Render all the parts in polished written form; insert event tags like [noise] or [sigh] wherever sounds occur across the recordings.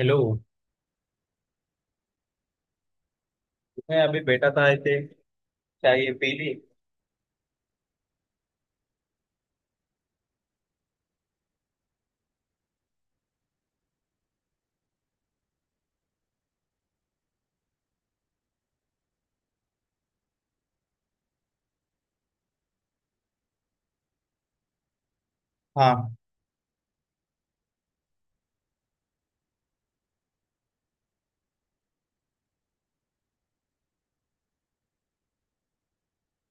Hello. मैं अभी बैठा था ऐसे, चाय पी ली। हाँ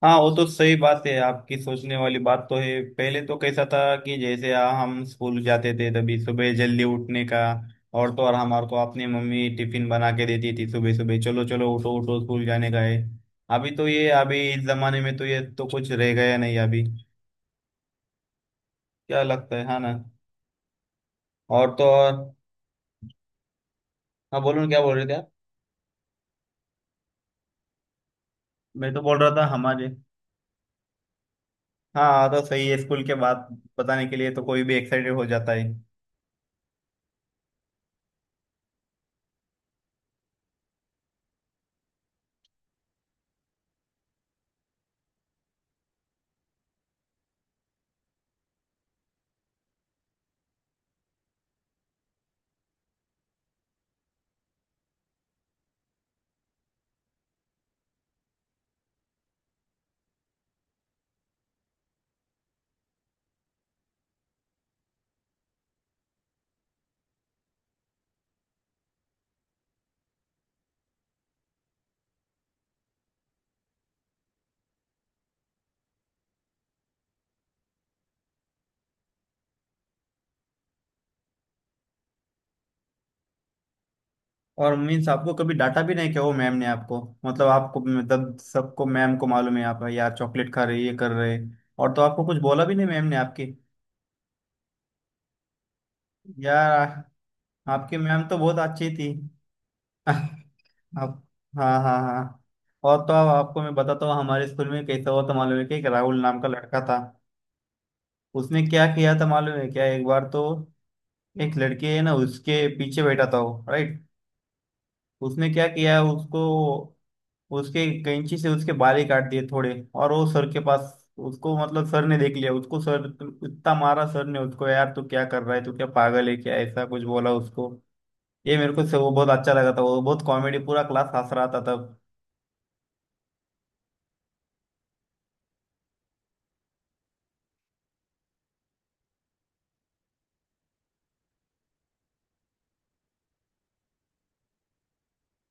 हाँ, वो तो सही बात है आपकी, सोचने वाली बात तो है। पहले तो कैसा था कि जैसे हम स्कूल जाते थे तभी सुबह जल्दी उठने का। और तो और, हमारे को अपनी मम्मी टिफिन बना के देती थी। सुबह सुबह चलो चलो उठो उठो, स्कूल जाने का है। अभी तो ये, अभी इस जमाने में तो ये तो कुछ रह गया नहीं अभी। क्या लगता है, हाँ ना? और तो और, हाँ बोलो ना, क्या बोल रहे थे आप? मैं तो बोल रहा था हमारे। हाँ तो सही है, स्कूल के बाद बताने के लिए तो कोई भी एक्साइटेड हो जाता है। और मीन्स आपको कभी डांटा भी नहीं क्या वो मैम ने? आपको मतलब, आपको मतलब सबको मैम को मालूम है आप यार चॉकलेट खा रहे, ये कर रहे। और तो आपको कुछ बोला भी नहीं मैम ने आपके? यार आपकी मैम तो बहुत अच्छी थी। [laughs] आप। हाँ हाँ हाँ। और तो अब आपको मैं बताता हूँ हमारे स्कूल में कैसा हुआ था, मालूम है कि एक राहुल नाम का लड़का था। उसने क्या किया था मालूम है क्या? एक बार तो एक लड़के है ना, उसके पीछे बैठा था वो राइट, उसने क्या किया उसको, उसके कैंची से उसके बाल ही काट दिए थोड़े। और वो सर के पास, उसको मतलब सर ने देख लिया उसको। सर इतना मारा सर ने उसको, यार तू क्या कर रहा है, तू क्या पागल है क्या, ऐसा कुछ बोला उसको। ये मेरे को से वो बहुत अच्छा लगा था, वो बहुत कॉमेडी, पूरा क्लास हंस रहा था तब।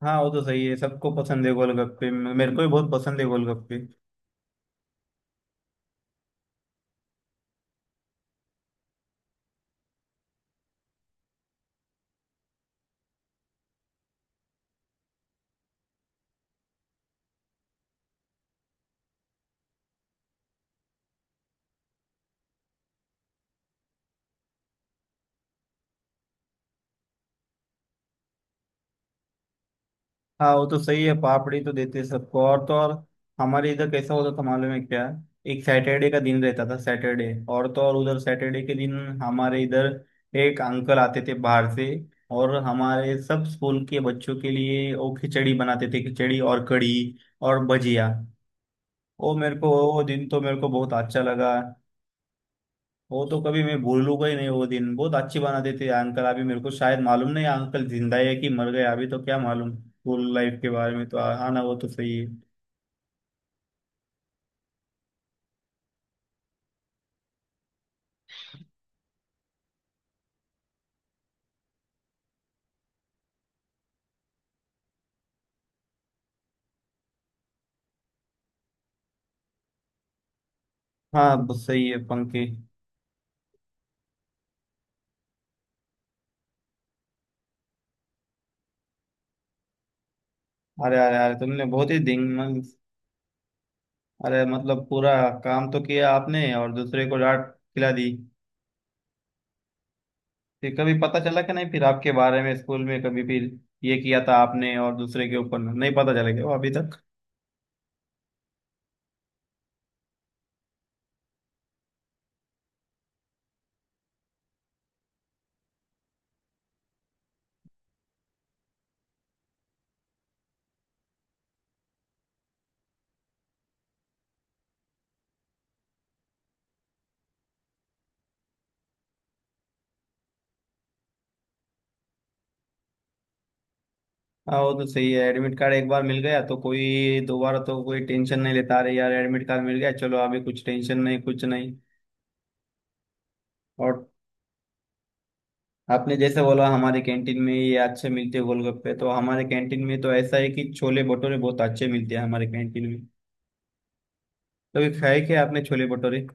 हाँ वो तो सही है, सबको पसंद है गोलगप्पे, मेरे को भी बहुत पसंद है गोलगप्पे। हाँ वो तो सही है, पापड़ी तो देते हैं सबको। और तो और, हमारे इधर कैसा होता था मालूम है क्या? एक सैटरडे का दिन रहता था, सैटरडे। और तो और, उधर सैटरडे के दिन हमारे इधर एक अंकल आते थे बाहर से, और हमारे सब स्कूल के बच्चों के लिए वो खिचड़ी बनाते थे, खिचड़ी और कढ़ी और भजिया। वो मेरे को, वो दिन तो मेरे को बहुत अच्छा लगा। वो तो कभी मैं भूलूंगा ही नहीं वो दिन। बहुत अच्छी बनाते थे अंकल। अभी मेरे को शायद मालूम नहीं अंकल जिंदा है कि मर गए अभी, तो क्या मालूम। स्कूल लाइफ के बारे में तो हाँ ना, वो तो सही है। हाँ बस सही है पंखे। अरे अरे अरे, तुमने बहुत ही दिन अरे मतलब पूरा काम तो किया आपने और दूसरे को डांट खिला दी। फिर कभी पता चला कि नहीं? फिर आपके बारे में स्कूल में कभी, फिर ये किया था आपने और दूसरे के ऊपर, नहीं पता चला क्या वो अभी तक? हाँ वो तो सही है, एडमिट कार्ड एक बार मिल गया तो कोई दोबारा तो कोई टेंशन नहीं लेता। अरे यार एडमिट कार्ड मिल गया, चलो अभी कुछ टेंशन नहीं, कुछ नहीं। और आपने जैसे बोला हमारे कैंटीन में ये अच्छे मिलते हैं गोलगप्पे, तो हमारे कैंटीन में तो ऐसा है कि छोले भटूरे बहुत अच्छे मिलते हैं हमारे कैंटीन में। तो ये खाए क्या आपने छोले भटूरे?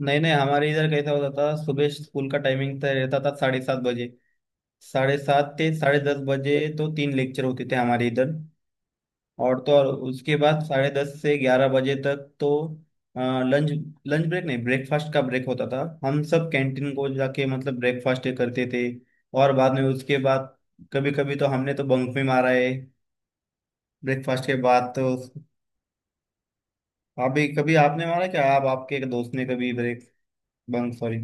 नहीं नहीं, हमारे इधर कैसा होता था, सुबह स्कूल का टाइमिंग तय रहता था साढ़े सात बजे। साढ़े सात से साढ़े दस बजे तो तीन लेक्चर होते थे हमारे इधर। और तो और उसके बाद साढ़े दस से ग्यारह बजे तक तो लंच, लंच ब्रेक नहीं, ब्रेकफास्ट का ब्रेक होता था। हम सब कैंटीन को जाके मतलब ब्रेकफास्ट करते थे। और बाद में, उसके बाद कभी कभी तो हमने तो बंक में मारा है ब्रेकफास्ट के बाद तो। अभी कभी आपने मारा क्या आप, आपके एक दोस्त ने कभी ब्रेक बंक, सॉरी?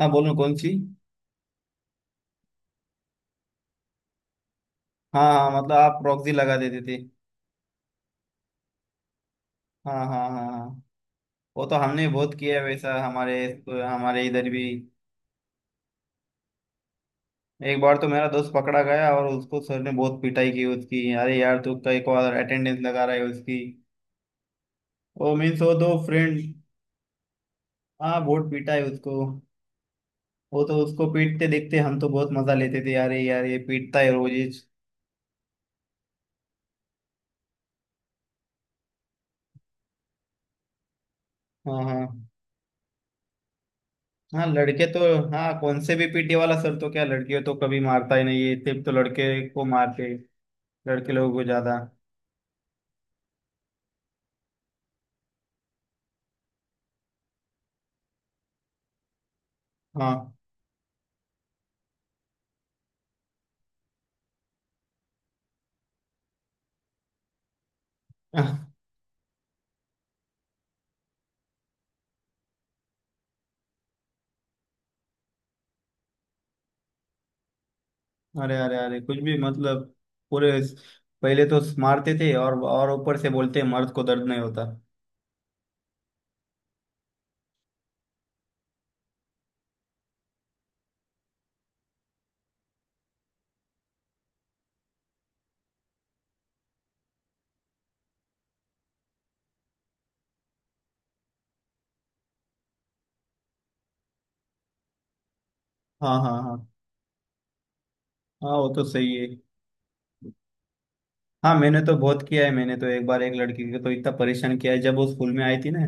हाँ बोलो, कौन सी? हाँ हाँ, मतलब आप प्रॉक्सी लगा देते थे। हाँ हाँ हाँ हाँ, वो तो हमने बहुत किया है वैसा हमारे, हमारे इधर भी। एक बार तो मेरा दोस्त पकड़ा गया और उसको सर ने बहुत पिटाई की उसकी। अरे यार तू कई को अटेंडेंस लगा रहा है उसकी। वो मीन्स वो दो फ्रेंड। हाँ बहुत पीटा है उसको। वो तो उसको पीटते देखते हम तो बहुत मजा लेते थे, यार यार ये पीटता है रोज ही। हाँ हाँ हाँ, लड़के तो। हाँ, कौन से भी पीटे वाला सर तो क्या लड़कियों तो कभी मारता ही नहीं है, सिर्फ तो लड़के को मारते हैं, लड़के लोगों को ज्यादा। हाँ। [laughs] अरे अरे अरे, कुछ भी मतलब, पूरे, पहले तो मारते थे और ऊपर से बोलते हैं, मर्द को दर्द नहीं होता। हाँ हाँ हाँ हाँ, वो तो सही है। हाँ मैंने तो बहुत किया है, मैंने तो एक बार एक लड़की को तो इतना परेशान किया है। जब वो स्कूल में आई थी ना,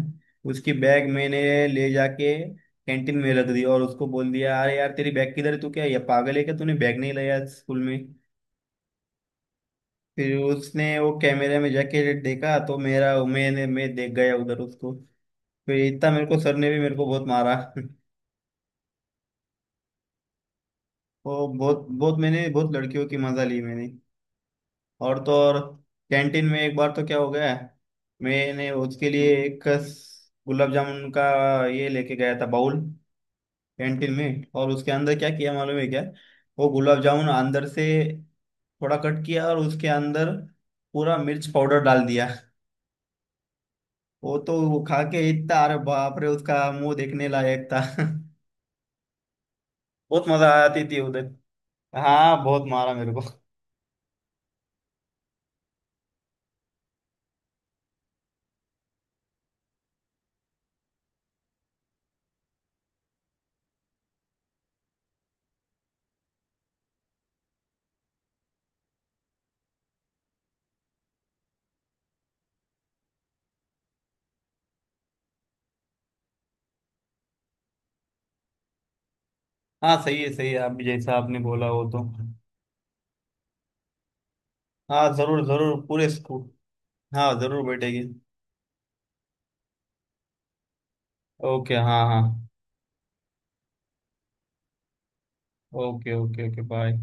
उसकी बैग मैंने ले जाके कैंटीन में रख दी, और उसको बोल दिया अरे यार तेरी बैग किधर है, तू क्या ये पागल है क्या, तूने बैग नहीं लाया स्कूल में? फिर उसने वो कैमरे में जाके देखा, तो मेरा, मैंने, मैं देख गया उधर उसको। फिर इतना मेरे को सर ने भी मेरे को बहुत मारा। [laughs] वो बहुत बहुत, मैंने बहुत लड़कियों की मजा ली मैंने। और तो और, कैंटीन में एक बार तो क्या हो गया, मैंने उसके लिए एक गुलाब जामुन का ये लेके गया था बाउल कैंटीन में, और उसके अंदर क्या किया मालूम है क्या? वो गुलाब जामुन अंदर से थोड़ा कट किया, और उसके अंदर पूरा मिर्च पाउडर डाल दिया। वो तो वो खा के इतना, अरे बाप रे, उसका मुंह देखने लायक था। [laughs] बहुत मजा आती थी उधर। हाँ बहुत मारा मेरे को। हाँ सही है सही है, आप जैसा आपने बोला वो तो। हाँ जरूर जरूर, पूरे स्कूल। हाँ जरूर बैठेगी। ओके हाँ हाँ। Okay okay okay bye.